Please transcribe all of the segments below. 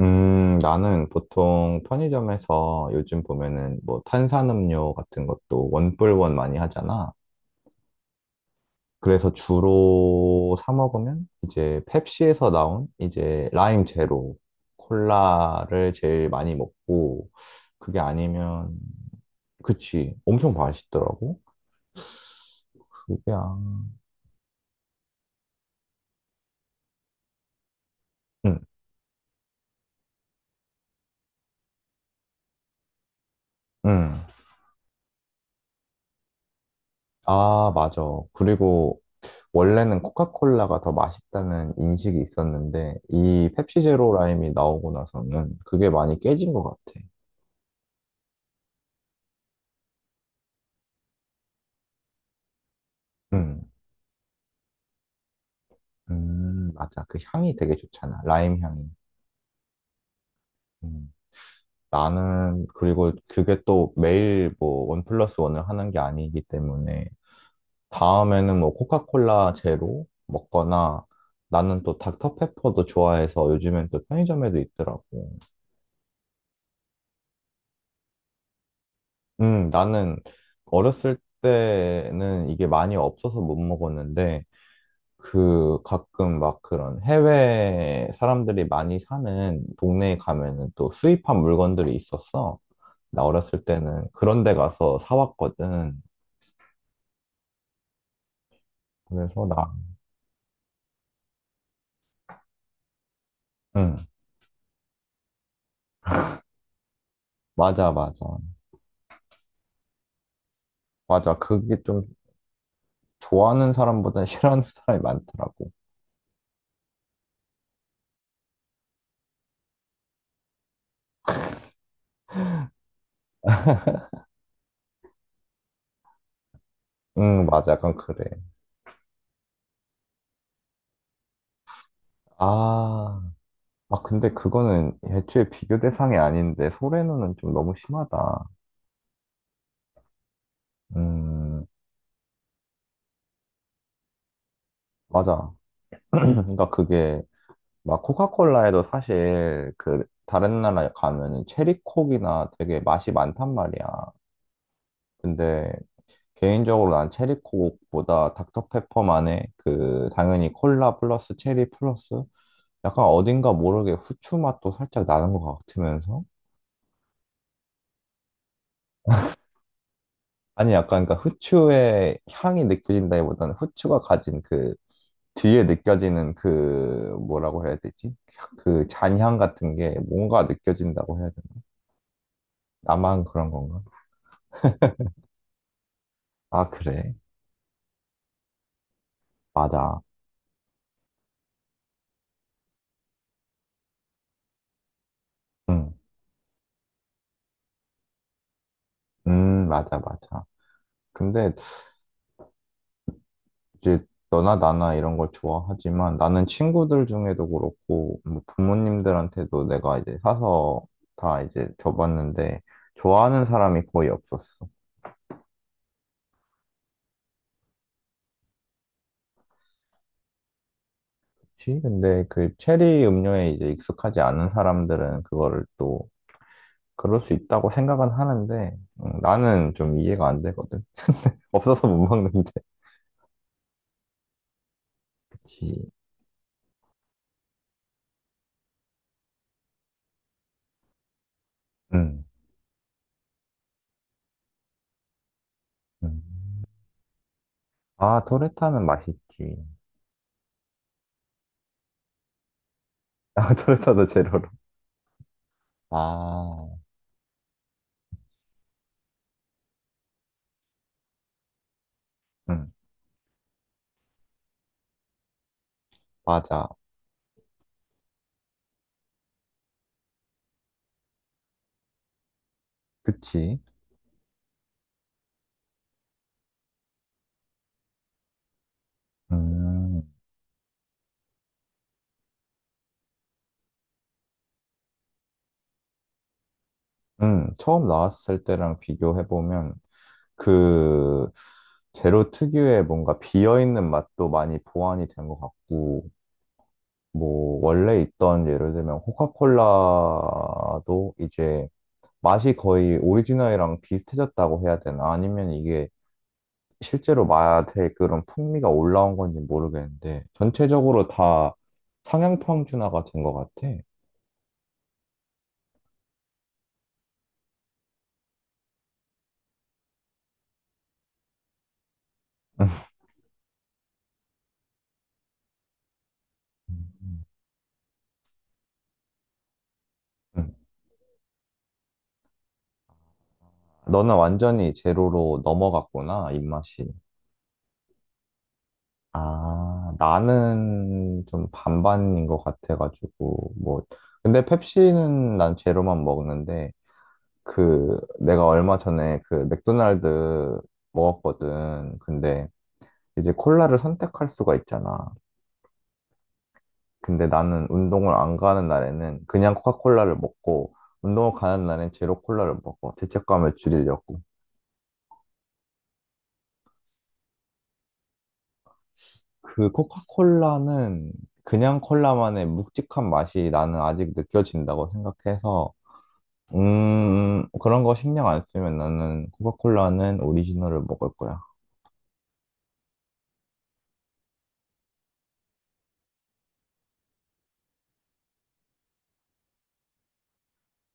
나는 보통 편의점에서 요즘 보면은 뭐 탄산음료 같은 것도 원뿔원 많이 하잖아. 그래서 주로 사 먹으면 이제 펩시에서 나온 이제 라임 제로 콜라를 제일 많이 먹고 그게 아니면 그치 엄청 맛있더라고. 그게 아, 응, 응. 아, 맞아. 그리고 원래는 코카콜라가 더 맛있다는 인식이 있었는데 이 펩시 제로 라임이 나오고 나서는 그게 많이 깨진 것 같아. 음, 맞아. 그 향이 되게 좋잖아. 라임 향이. 음. 나는 그리고 그게 또 매일 뭐 원 플러스 원을 하는 게 아니기 때문에 다음에는 뭐 코카콜라 제로 먹거나 나는 또 닥터페퍼도 좋아해서 요즘엔 또 편의점에도 있더라고. 나는 어렸을 때는 이게 많이 없어서 못 먹었는데, 그 가끔 막 그런 해외 사람들이 많이 사는 동네에 가면은 또 수입한 물건들이 있었어. 나 어렸을 때는 그런 데 가서 사왔거든. 그래서 나, 응, 맞아, 맞아. 맞아. 그게 좀 좋아하는 사람보다 싫어하는 사람이 많더라고. 응, 맞아. 약간 그래. 아, 아, 근데 그거는 애초에 비교 대상이 아닌데, 소래는은 좀 너무 심하다. 음, 맞아. 그러니까 그게 막 코카콜라에도 사실 그 다른 나라에 가면은 체리콕이나 되게 맛이 많단 말이야. 근데 개인적으로 난 체리콕보다 닥터페퍼만의 그 당연히 콜라 플러스 체리 플러스 약간 어딘가 모르게 후추 맛도 살짝 나는 것 같으면서 아니 약간 그러니까 후추의 향이 느껴진다기보다는 후추가 가진 그 뒤에 느껴지는 그 뭐라고 해야 되지? 그 잔향 같은 게 뭔가 느껴진다고 해야 되나? 나만 그런 건가? 아, 그래. 맞아. 응. 맞아, 맞아. 근데 이제 너나 나나 이런 걸 좋아하지만 나는 친구들 중에도 그렇고 뭐 부모님들한테도 내가 이제 사서 다 이제 줘봤는데 좋아하는 사람이 거의 없었어. 그치? 근데 그 체리 음료에 이제 익숙하지 않은 사람들은 그거를 또 그럴 수 있다고 생각은 하는데, 나는 좀 이해가 안 되거든. 없어서 못 먹는데. 그치. 음, 음. 아, 토레타는 맛있지. 아, 토레타도 제로로. 아, 음, 맞아. 그치. 음, 처음 나왔을 때랑 비교해보면, 그, 제로 특유의 뭔가 비어있는 맛도 많이 보완이 된 것 같고, 뭐, 원래 있던 예를 들면 코카콜라도 이제 맛이 거의 오리지널이랑 비슷해졌다고 해야 되나? 아니면 이게 실제로 맛의 그런 풍미가 올라온 건지 모르겠는데, 전체적으로 다 상향평준화가 된 것 같아. 음. 음. 너는 완전히 제로로 넘어갔구나, 입맛이. 아, 나는 좀 반반인 것 같아가지고, 뭐. 근데 펩시는 난 제로만 먹는데, 그, 내가 얼마 전에 그 맥도날드 먹었거든. 근데 이제 콜라를 선택할 수가 있잖아. 근데 나는 운동을 안 가는 날에는 그냥 코카콜라를 먹고, 운동을 가는 날엔 제로 콜라를 먹어. 죄책감을 줄이려고. 그 코카콜라는 그냥 콜라만의 묵직한 맛이 나는 아직 느껴진다고 생각해서, 그런 거 신경 안 쓰면 나는 코카콜라는 오리지널을 먹을 거야.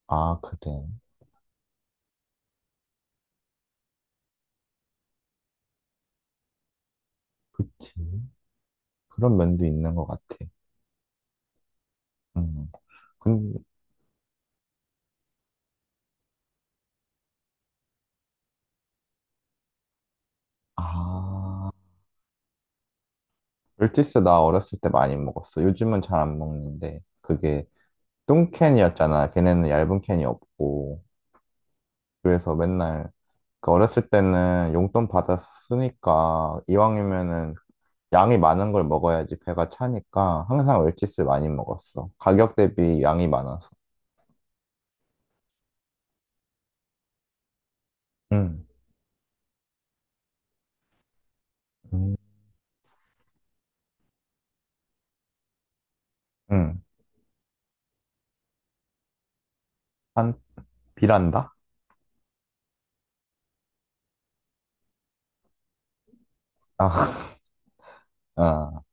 아, 그래. 그치. 그런 면도 있는 것 같아. 음. 근 아. 물티스 나 어렸을 때 많이 먹었어. 요즘은 잘 안 먹는데 그게 뚱캔이었잖아. 걔네는 얇은 캔이 없고 그래서 맨날 그 어렸을 때는 용돈 받았으니까 이왕이면은 양이 많은 걸 먹어야지 배가 차니까 항상 물티스 많이 먹었어. 가격 대비 양이 많아서. 응, 응, 응. 한 비란다? 아, 어.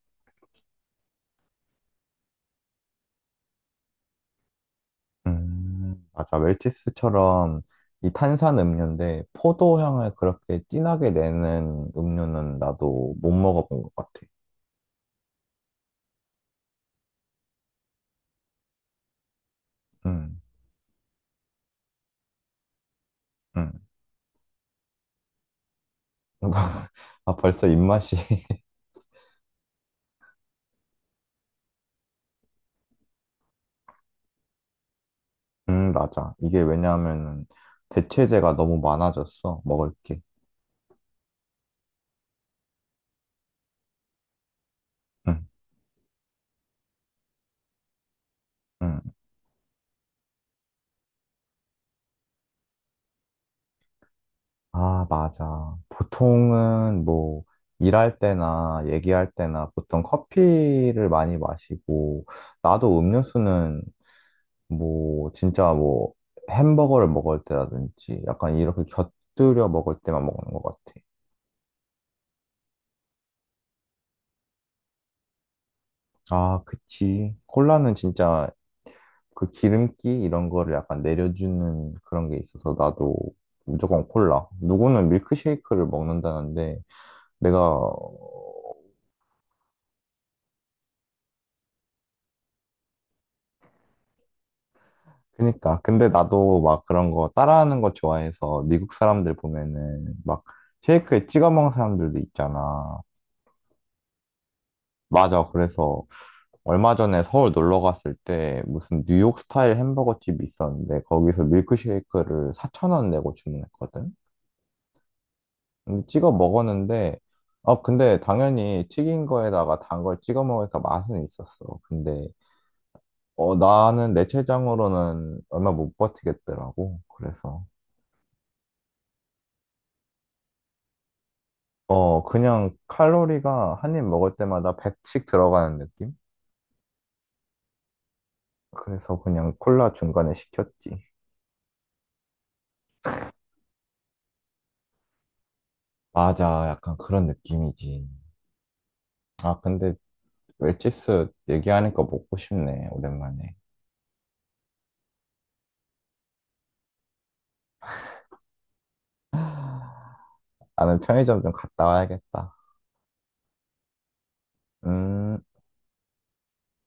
맞아. 웰치스처럼 이 탄산 음료인데 포도향을 그렇게 진하게 내는 음료는 나도 못 먹어본 것 같아. 음, 음. 아, 벌써 입맛이. 맞아. 이게 왜냐하면 대체재가 너무 많아졌어. 먹을 게. 음, 음. 아, 맞아. 보통은 뭐 일할 때나 얘기할 때나 보통 커피를 많이 마시고 나도 음료수는 뭐, 진짜 뭐, 햄버거를 먹을 때라든지, 약간 이렇게 곁들여 먹을 때만 먹는 것 같아. 아, 그치. 콜라는 진짜 그 기름기 이런 거를 약간 내려주는 그런 게 있어서 나도 무조건 콜라. 누구는 밀크쉐이크를 먹는다는데, 내가, 그니까. 근데 나도 막 그런 거 따라하는 거 좋아해서 미국 사람들 보면은 막 쉐이크에 찍어 먹는 사람들도 있잖아. 맞아. 그래서 얼마 전에 서울 놀러 갔을 때 무슨 뉴욕 스타일 햄버거 집이 있었는데 거기서 밀크쉐이크를 4,000원 내고 주문했거든? 근데 찍어 먹었는데, 아, 근데 당연히 튀긴 거에다가 단 걸 찍어 먹으니까 맛은 있었어. 근데, 어, 나는 내 체장으로는 얼마 못 버티겠더라고. 그래서, 어, 그냥 칼로리가 한 입 먹을 때마다 100씩 들어가는 느낌? 그래서 그냥 콜라 중간에 시켰지. 맞아. 약간 그런 느낌이지. 아, 근데 웰치스 얘기하니까 먹고 싶네, 오랜만에. 나는 편의점 좀 갔다 와야겠다. 음.